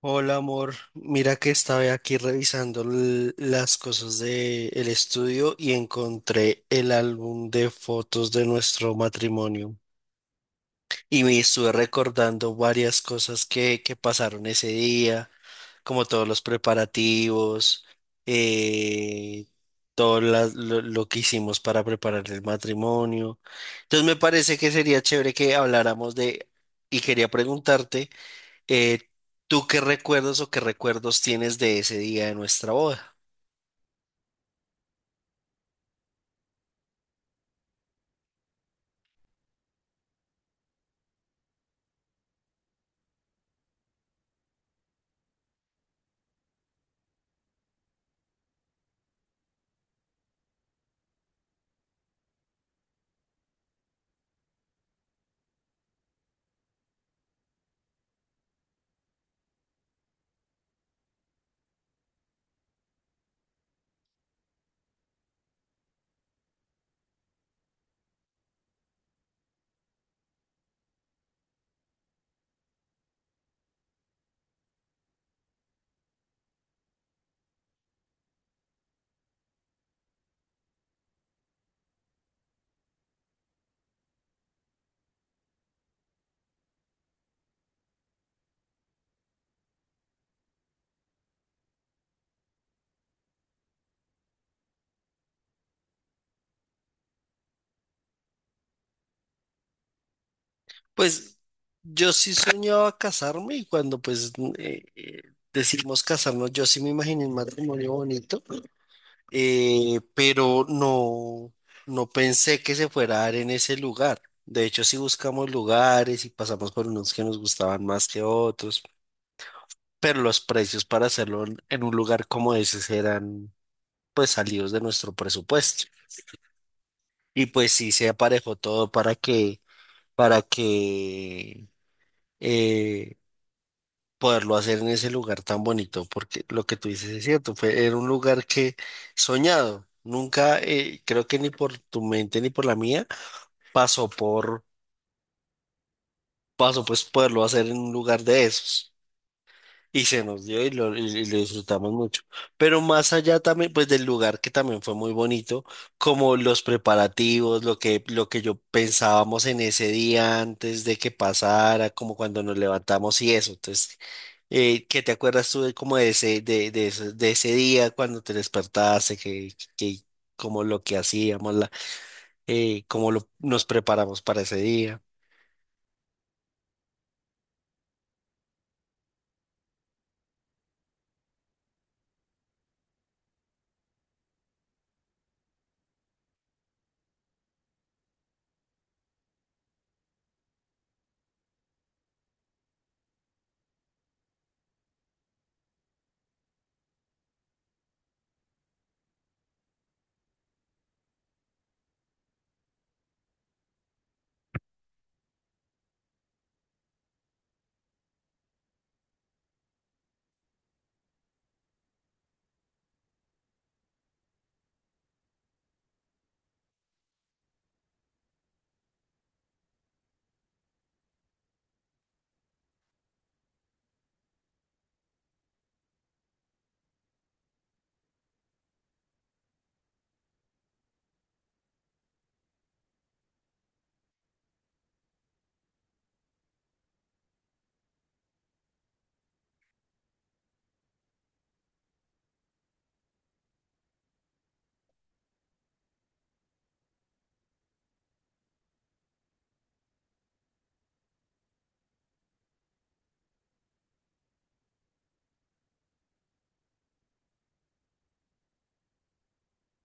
Hola amor, mira que estaba aquí revisando las cosas del estudio y encontré el álbum de fotos de nuestro matrimonio y me estuve recordando varias cosas que pasaron ese día, como todos los preparativos, eh, todo lo que hicimos para preparar el matrimonio. Entonces me parece que sería chévere que habláramos de, y quería preguntarte. Eh, ¿Tú qué recuerdos o qué recuerdos tienes de ese día de nuestra boda? Pues yo sí soñaba casarme y cuando pues eh, eh, decidimos casarnos, yo sí me imaginé un matrimonio bonito, pero no pensé que se fuera a dar en ese lugar. De hecho, sí buscamos lugares y pasamos por unos que nos gustaban más que otros, pero los precios para hacerlo en un lugar como ese eran pues salidos de nuestro presupuesto. Y pues sí, se aparejó todo para que eh, poderlo hacer en ese lugar tan bonito, porque lo que tú dices es cierto, fue, era un lugar que soñado, nunca, creo que ni por tu mente ni por la mía, pasó por, pasó pues poderlo hacer en un lugar de esos. Y se nos dio y lo disfrutamos mucho. Pero más allá también, pues del lugar que también fue muy bonito, como los preparativos, lo que yo pensábamos en ese día antes de que pasara, como cuando nos levantamos y eso. Entonces, ¿qué te acuerdas tú de como de ese día cuando te despertaste, que como lo que hacíamos, nos preparamos para ese día?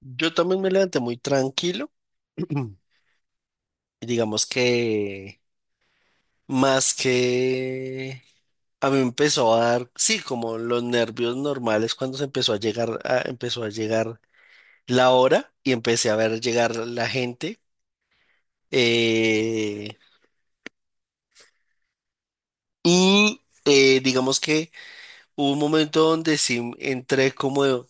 Yo también me levanté muy tranquilo. Digamos que más que a mí me empezó a dar, sí, como los nervios normales cuando se empezó a llegar, empezó a llegar la hora y empecé a ver llegar la gente. eh, y digamos que hubo un momento donde sí entré como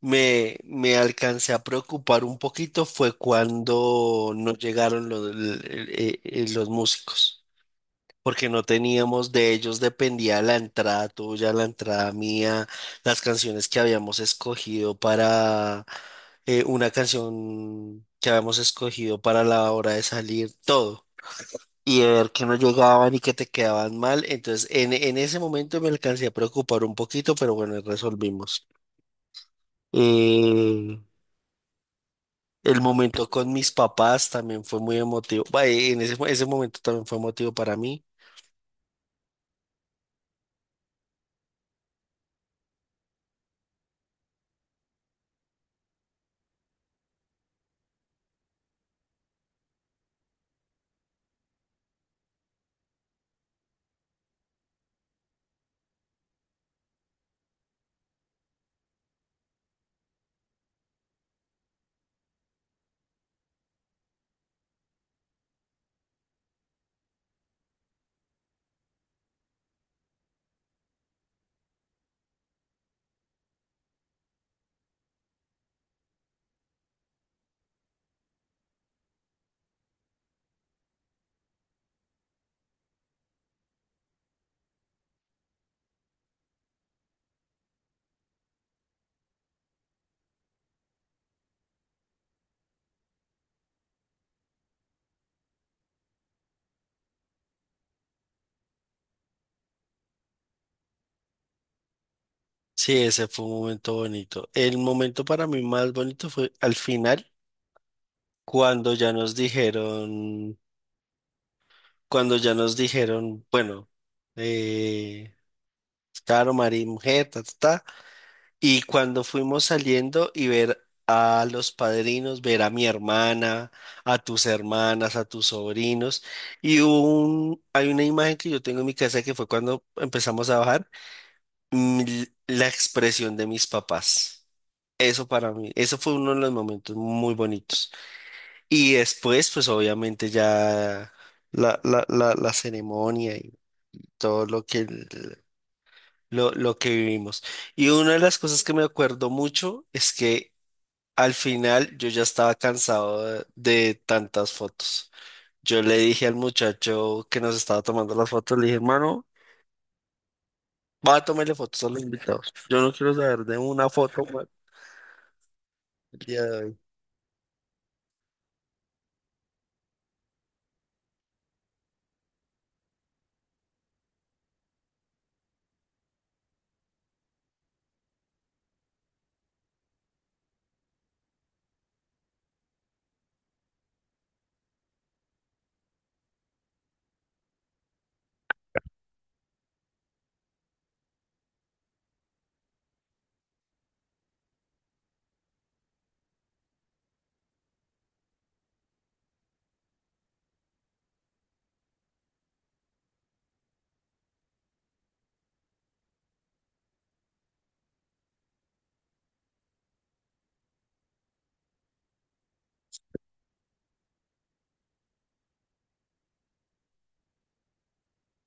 me alcancé a preocupar un poquito fue cuando no llegaron los músicos. Porque no teníamos, de ellos dependía la entrada tuya, la entrada mía, las canciones que habíamos escogido para una canción que habíamos escogido para la hora de salir, todo. Y de ver que no llegaban y que te quedaban mal. Entonces, en ese momento me alcancé a preocupar un poquito, pero bueno, resolvimos. Eh, el momento con mis papás también fue muy emotivo. Bah, en ese momento también fue emotivo para mí. Sí, ese fue un momento bonito. El momento para mí más bonito fue al final, cuando ya nos dijeron, cuando ya nos dijeron, bueno, eh, claro, María mujer, ta, ta, ta, y cuando fuimos saliendo y ver a los padrinos, ver a mi hermana, a tus hermanas, a tus sobrinos, y hubo un, hay una imagen que yo tengo en mi casa que fue cuando empezamos a bajar mm, la expresión de mis papás. Eso para mí, eso fue uno de los momentos muy bonitos. Y después, pues obviamente ya la ceremonia y todo lo que, lo que vivimos. Y una de las cosas que me acuerdo mucho es que al final yo ya estaba cansado de tantas fotos. Yo le dije al muchacho que nos estaba tomando las fotos, le dije, hermano, va a tomarle fotos a los invitados. Yo no quiero saber de una foto más el día de hoy".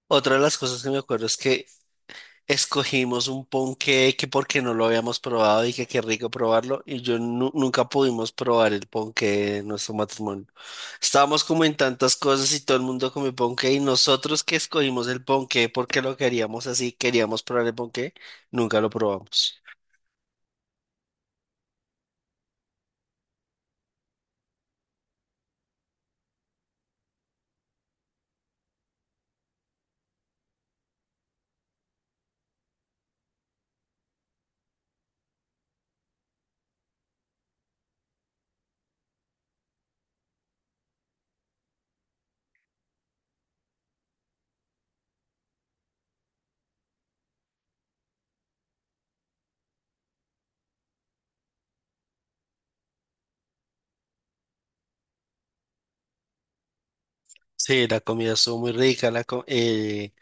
Otra de las cosas que me acuerdo es que escogimos un ponqué que porque no lo habíamos probado y que qué rico probarlo y yo nunca pudimos probar el ponqué en nuestro matrimonio. Estábamos como en tantas cosas y todo el mundo comió ponqué y nosotros que escogimos el ponqué porque lo queríamos así, queríamos probar el ponqué, nunca lo probamos. Sí, la comida estuvo muy rica,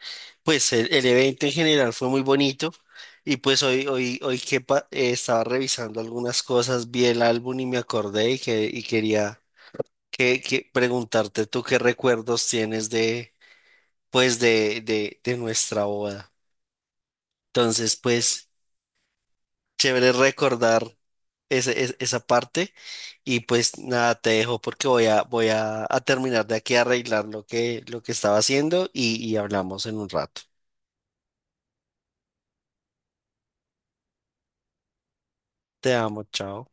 pues el evento en general fue muy bonito y pues hoy que estaba revisando algunas cosas, vi el álbum y me acordé y quería que preguntarte tú qué recuerdos tienes de, pues de nuestra boda. Entonces, pues chévere recordar esa parte y pues nada, te dejo porque voy a terminar de aquí a arreglar lo lo que estaba haciendo y hablamos en un rato. Te amo, chao.